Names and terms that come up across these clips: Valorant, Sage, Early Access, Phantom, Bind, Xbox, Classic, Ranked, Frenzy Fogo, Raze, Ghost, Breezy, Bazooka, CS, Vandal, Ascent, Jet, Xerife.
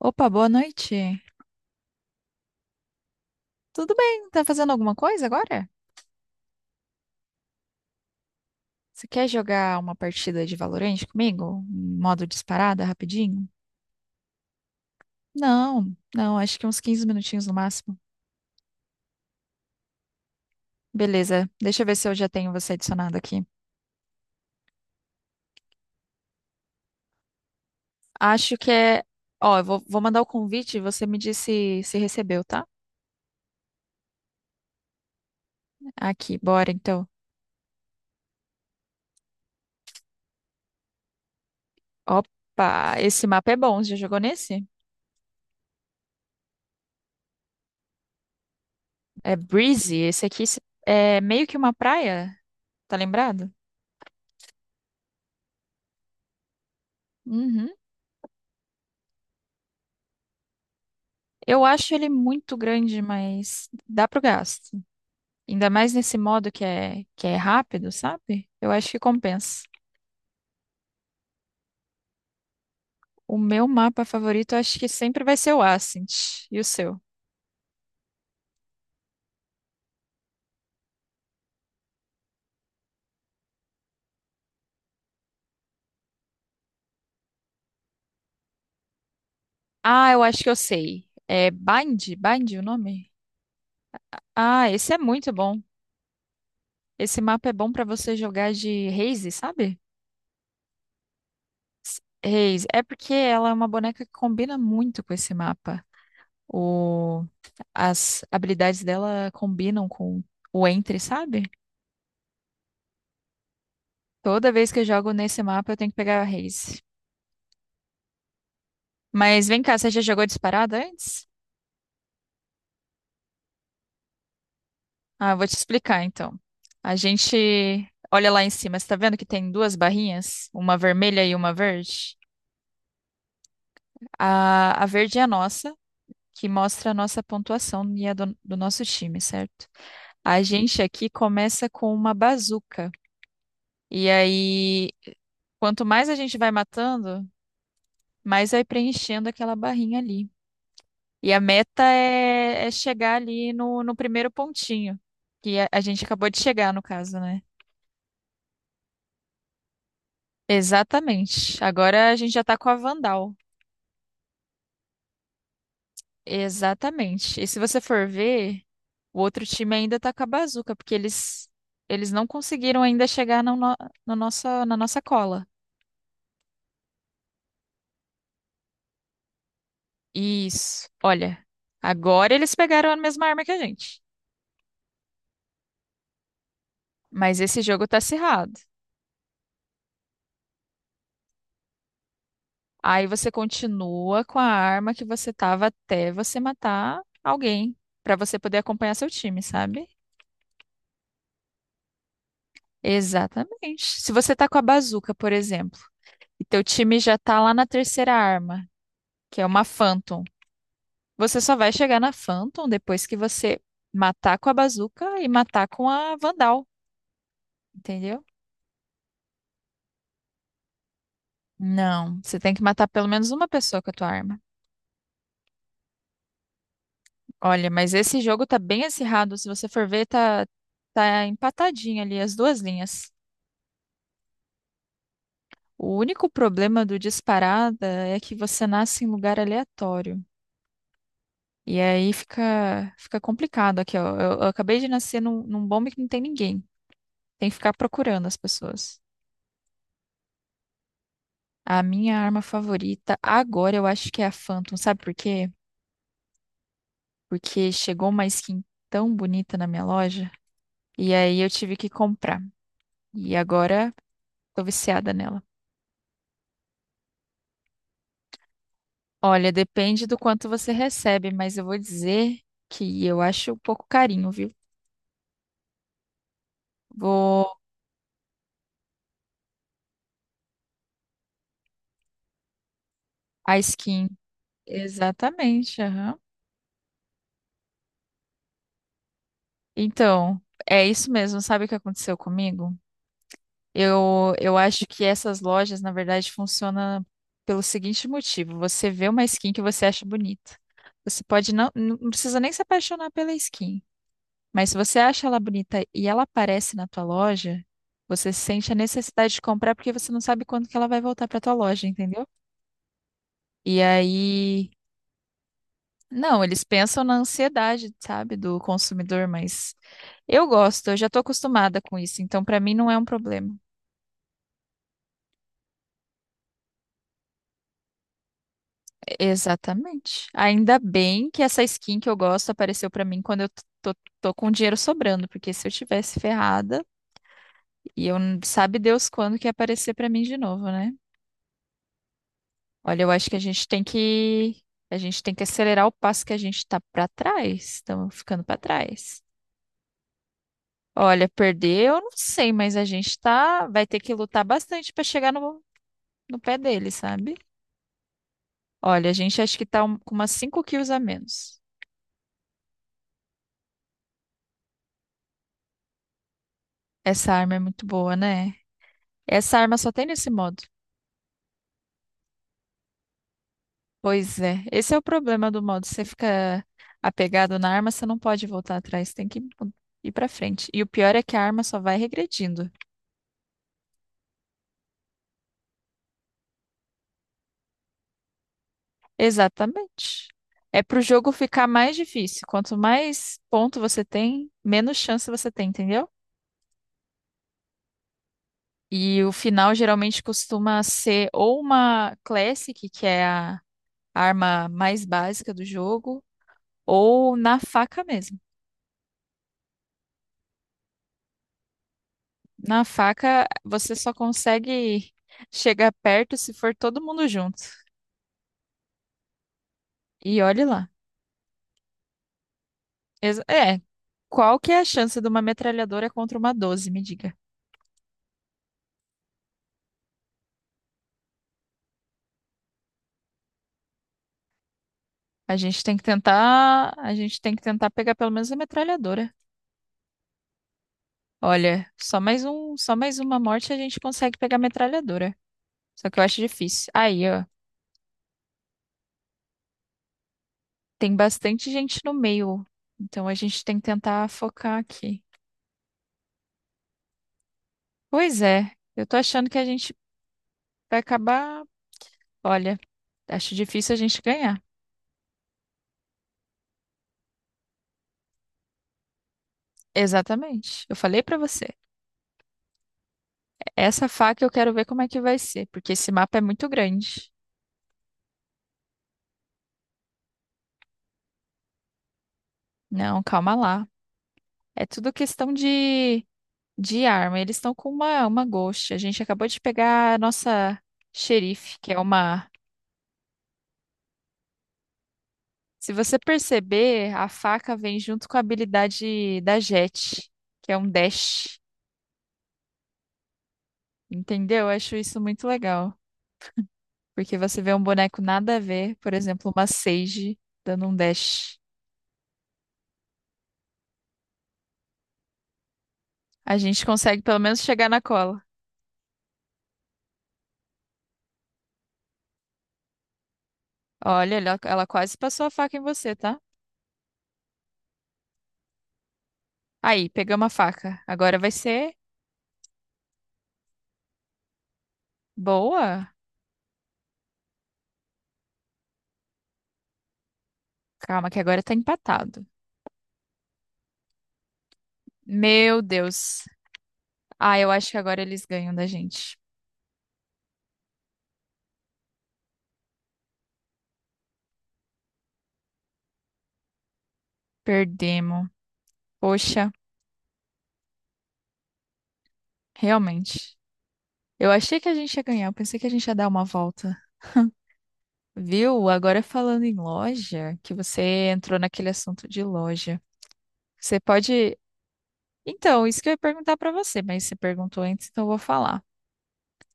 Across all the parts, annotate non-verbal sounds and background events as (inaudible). Opa, boa noite. Tudo bem? Tá fazendo alguma coisa agora? Você quer jogar uma partida de Valorant comigo? Em Modo disparada, rapidinho? Não, não, acho que uns 15 minutinhos no máximo. Beleza, deixa eu ver se eu já tenho você adicionado aqui. Acho que é. Ó, eu vou mandar o convite e você me diz se recebeu, tá? Aqui, bora então. Opa, esse mapa é bom, você já jogou nesse? É Breezy, esse aqui é meio que uma praia, tá lembrado? Uhum. Eu acho ele muito grande, mas dá pro gasto. Ainda mais nesse modo que é rápido, sabe? Eu acho que compensa. O meu mapa favorito, eu acho que sempre vai ser o Ascent. E o seu? Ah, eu acho que eu sei. É Bind? Bind o nome? Ah, esse é muito bom. Esse mapa é bom pra você jogar de Raze, sabe? Raze. É porque ela é uma boneca que combina muito com esse mapa. O... As habilidades dela combinam com o Entry, sabe? Toda vez que eu jogo nesse mapa, eu tenho que pegar a Raze. Mas vem cá, você já jogou disparada antes? Ah, eu vou te explicar então. A gente olha lá em cima, você tá vendo que tem duas barrinhas? Uma vermelha e uma verde? A verde é a nossa, que mostra a nossa pontuação e a do nosso time, certo? A gente aqui começa com uma bazuca. E aí, quanto mais a gente vai matando, mais vai preenchendo aquela barrinha ali. E a meta é chegar ali no primeiro pontinho, que a gente acabou de chegar, no caso, né? Exatamente. Agora a gente já tá com a Vandal. Exatamente. E se você for ver, o outro time ainda tá com a Bazooka, porque eles não conseguiram ainda chegar no, no, no nossa, na nossa cola. Isso. Olha, agora eles pegaram a mesma arma que a gente. Mas esse jogo tá acirrado. Aí você continua com a arma que você tava até você matar alguém, pra você poder acompanhar seu time, sabe? Exatamente. Se você tá com a bazuca, por exemplo, e teu time já tá lá na terceira arma, que é uma Phantom, você só vai chegar na Phantom depois que você matar com a bazuca e matar com a Vandal, entendeu? Não, você tem que matar pelo menos uma pessoa com a tua arma. Olha, mas esse jogo tá bem acirrado, se você for ver, tá empatadinho ali as duas linhas. O único problema do disparada é que você nasce em lugar aleatório. E aí fica complicado aqui, ó. Eu acabei de nascer num bombe que não tem ninguém. Tem que ficar procurando as pessoas. A minha arma favorita agora eu acho que é a Phantom. Sabe por quê? Porque chegou uma skin tão bonita na minha loja. E aí eu tive que comprar. E agora tô viciada nela. Olha, depende do quanto você recebe, mas eu vou dizer que eu acho um pouco carinho, viu? Vou. A skin. Exatamente, aham. Então, é isso mesmo. Sabe o que aconteceu comigo? Eu acho que essas lojas, na verdade, funcionam pelo seguinte motivo: você vê uma skin que você acha bonita. Você pode não precisa nem se apaixonar pela skin, mas se você acha ela bonita e ela aparece na tua loja, você sente a necessidade de comprar porque você não sabe quando que ela vai voltar para tua loja, entendeu? E aí não, eles pensam na ansiedade, sabe, do consumidor, mas eu gosto, eu já estou acostumada com isso, então para mim não é um problema. Exatamente. Ainda bem que essa skin que eu gosto apareceu para mim quando eu tô, tô com dinheiro sobrando, porque se eu tivesse ferrada, e eu sabe Deus quando que ia aparecer para mim de novo, né? Olha, eu acho que a gente tem que acelerar o passo que a gente tá para trás, estamos ficando para trás. Olha, perder, eu não sei, mas a gente tá, vai ter que lutar bastante para chegar no pé dele, sabe? Olha, a gente acho que tá com umas 5 quilos a menos. Essa arma é muito boa, né? Essa arma só tem nesse modo. Pois é, esse é o problema do modo. Você fica apegado na arma, você não pode voltar atrás, tem que ir pra frente. E o pior é que a arma só vai regredindo. Exatamente. É pro jogo ficar mais difícil. Quanto mais ponto você tem, menos chance você tem, entendeu? E o final geralmente costuma ser ou uma Classic, que é a arma mais básica do jogo, ou na faca mesmo. Na faca, você só consegue chegar perto se for todo mundo junto. E olhe lá. É, qual que é a chance de uma metralhadora contra uma 12, me diga? A gente tem que tentar pegar pelo menos a metralhadora. Olha, só mais um, só mais uma morte a gente consegue pegar a metralhadora. Só que eu acho difícil. Aí, ó. Tem bastante gente no meio, então a gente tem que tentar focar aqui. Pois é, eu tô achando que a gente vai acabar. Olha, acho difícil a gente ganhar. Exatamente. Eu falei pra você. Essa faca eu quero ver como é que vai ser, porque esse mapa é muito grande. Não, calma lá. É tudo questão de arma. Eles estão com uma Ghost. A gente acabou de pegar a nossa xerife, que é uma Se você perceber, a faca vem junto com a habilidade da Jet, que é um dash. Entendeu? Eu acho isso muito legal. Porque você vê um boneco nada a ver, por exemplo, uma Sage dando um dash. A gente consegue pelo menos chegar na cola. Olha, ela quase passou a faca em você, tá? Aí, pegamos a faca. Agora vai ser boa. Calma, que agora tá empatado. Meu Deus. Ah, eu acho que agora eles ganham da gente. Perdemos. Poxa, realmente. Eu achei que a gente ia ganhar, eu pensei que a gente ia dar uma volta. Viu? Agora falando em loja, que você entrou naquele assunto de loja. Você pode. Então, isso que eu ia perguntar pra você, mas você perguntou antes, então eu vou falar.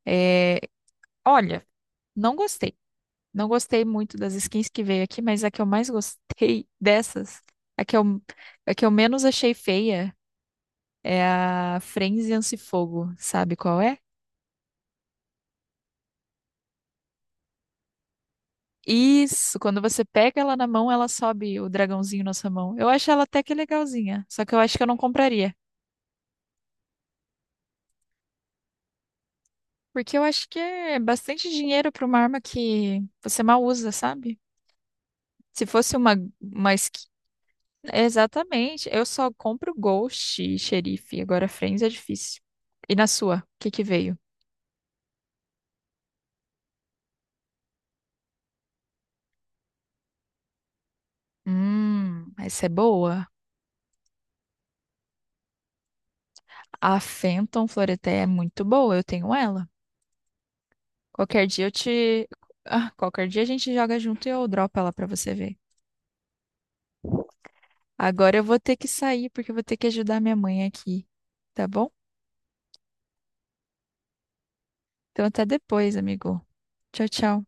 É, olha, não gostei. Não gostei muito das skins que veio aqui, mas a que eu mais gostei (laughs) dessas, a que eu, a que eu menos achei feia, é a Frenzy Fogo. Sabe qual é? Isso, quando você pega ela na mão, ela sobe o dragãozinho na sua mão. Eu acho ela até que legalzinha, só que eu acho que eu não compraria. Porque eu acho que é bastante dinheiro pra uma arma que você mal usa, sabe? Se fosse uma skin. Exatamente, eu só compro Ghost e Xerife, agora Friends é difícil. E na sua, o que que veio? Essa é boa. A Phantom Floreté é muito boa, eu tenho ela. Qualquer dia eu te. Ah, qualquer dia a gente joga junto e eu dropo ela pra você ver. Agora eu vou ter que sair porque eu vou ter que ajudar minha mãe aqui, tá bom? Então até depois, amigo. Tchau, tchau.